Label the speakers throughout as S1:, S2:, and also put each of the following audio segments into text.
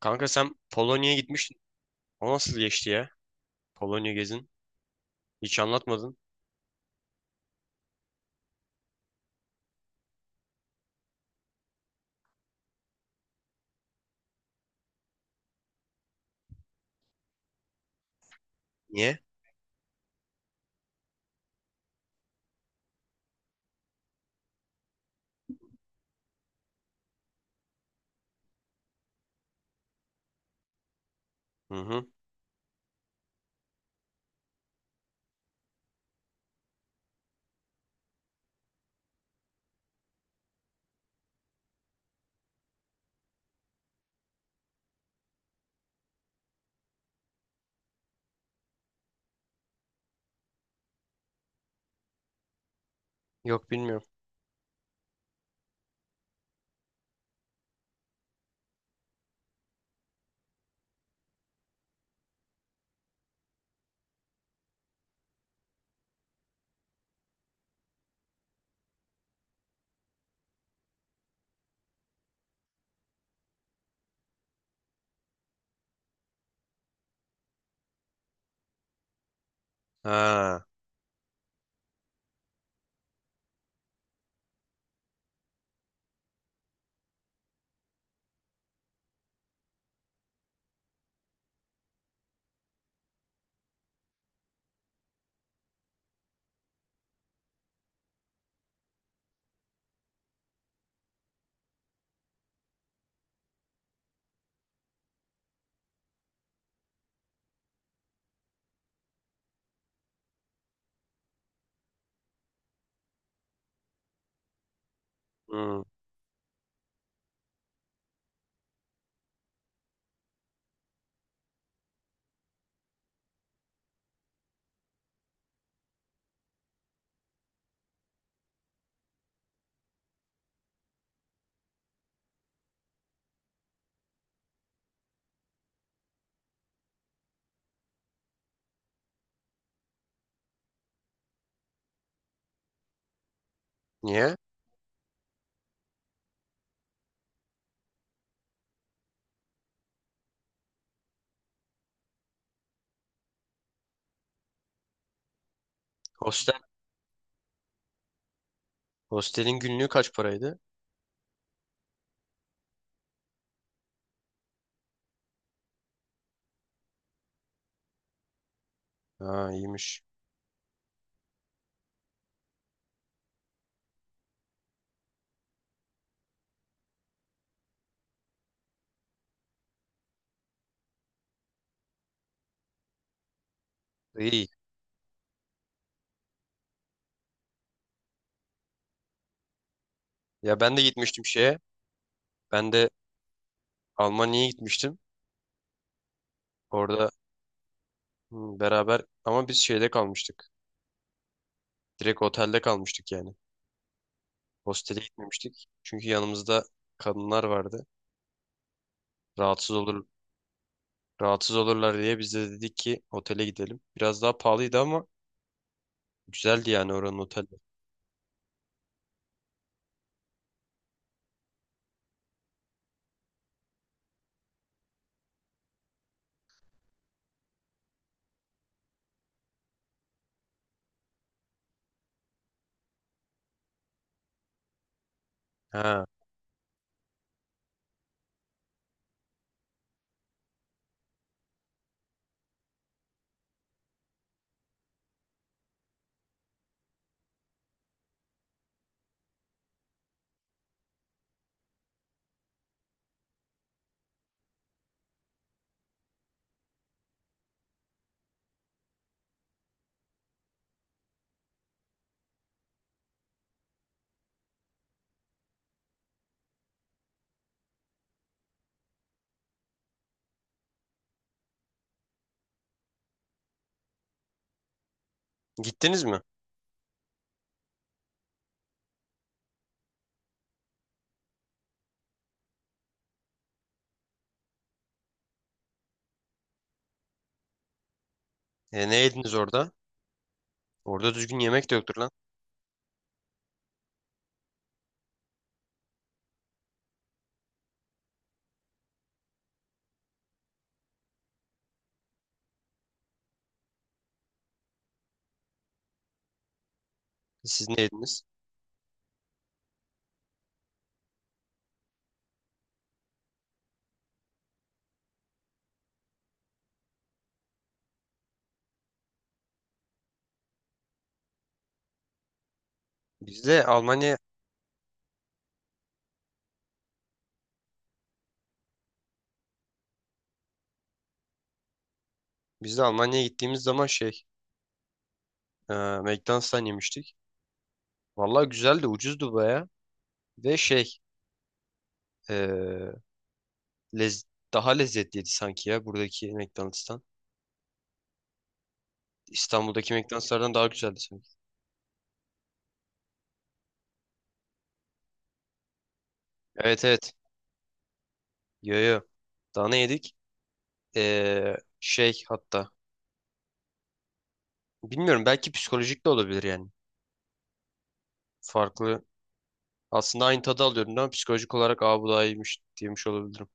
S1: Kanka sen Polonya'ya gitmiştin. O nasıl geçti ya? Polonya gezin. Hiç anlatmadın. Niye? Hı hı. Yok bilmiyorum. Ha. Hı. Niye? Hostel. Hostelin günlüğü kaç paraydı? Ha, iyiymiş. İyi. Ya ben de gitmiştim şeye. Ben de Almanya'ya gitmiştim. Orada hı, beraber ama biz şeyde kalmıştık. Direkt otelde kalmıştık yani. Hostele gitmemiştik. Çünkü yanımızda kadınlar vardı. Rahatsız olur Rahatsız olurlar diye biz de dedik ki otele gidelim. Biraz daha pahalıydı ama güzeldi yani oranın oteli. Ha. Gittiniz mi? E, ne yediniz orada? Orada düzgün yemek de yoktur lan. Siz ne yediniz? Biz de Almanya Biz de Almanya'ya gittiğimiz zaman şey e, McDonald's'tan yemiştik. Vallahi güzeldi, ucuzdu baya. Ve şey, e, lez- daha lezzetliydi sanki ya buradaki McDonald's'tan. İstanbul'daki McDonald's'lardan daha güzeldi sanki. Evet, evet. Yo, yo. Daha ne yedik? E, şey hatta. Bilmiyorum, belki psikolojik de olabilir yani. Farklı. Aslında aynı tadı alıyorum ama psikolojik olarak aa bu daha iyiymiş diyemiş olabilirim.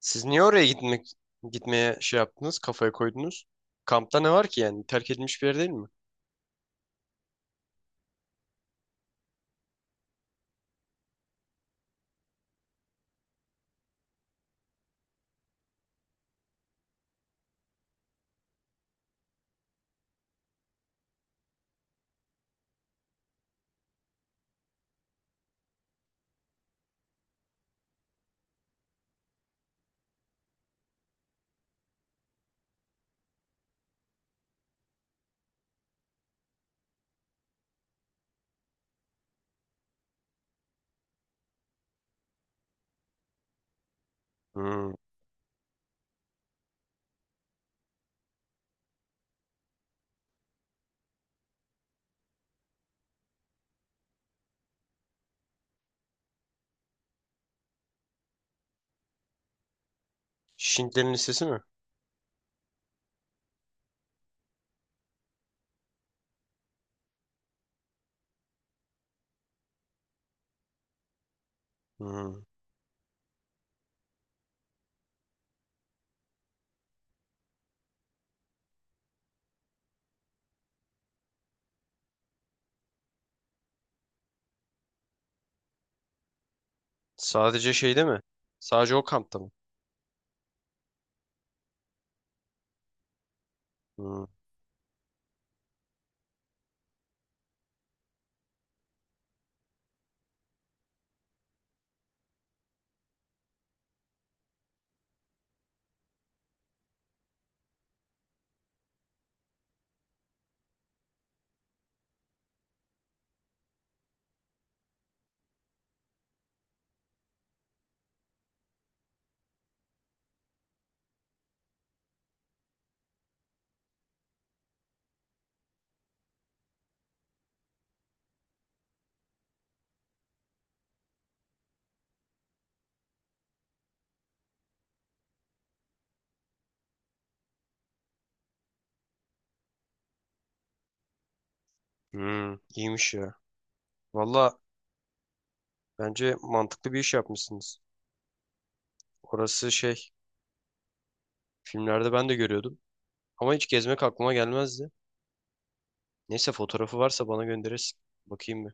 S1: Siz niye oraya gitmek Gitmeye şey yaptınız, kafaya koydunuz? Kampta ne var ki yani? Terk edilmiş bir yer değil mi? Hmm. Şintlerin lisesi mi? Hmm. Sadece şeyde mi? Sadece o kampta mı? Hmm. Hmm. İyiymiş ya. Valla bence mantıklı bir iş yapmışsınız. Orası şey, filmlerde ben de görüyordum. Ama hiç gezmek aklıma gelmezdi. Neyse fotoğrafı varsa bana gönderirsin. Bakayım bir.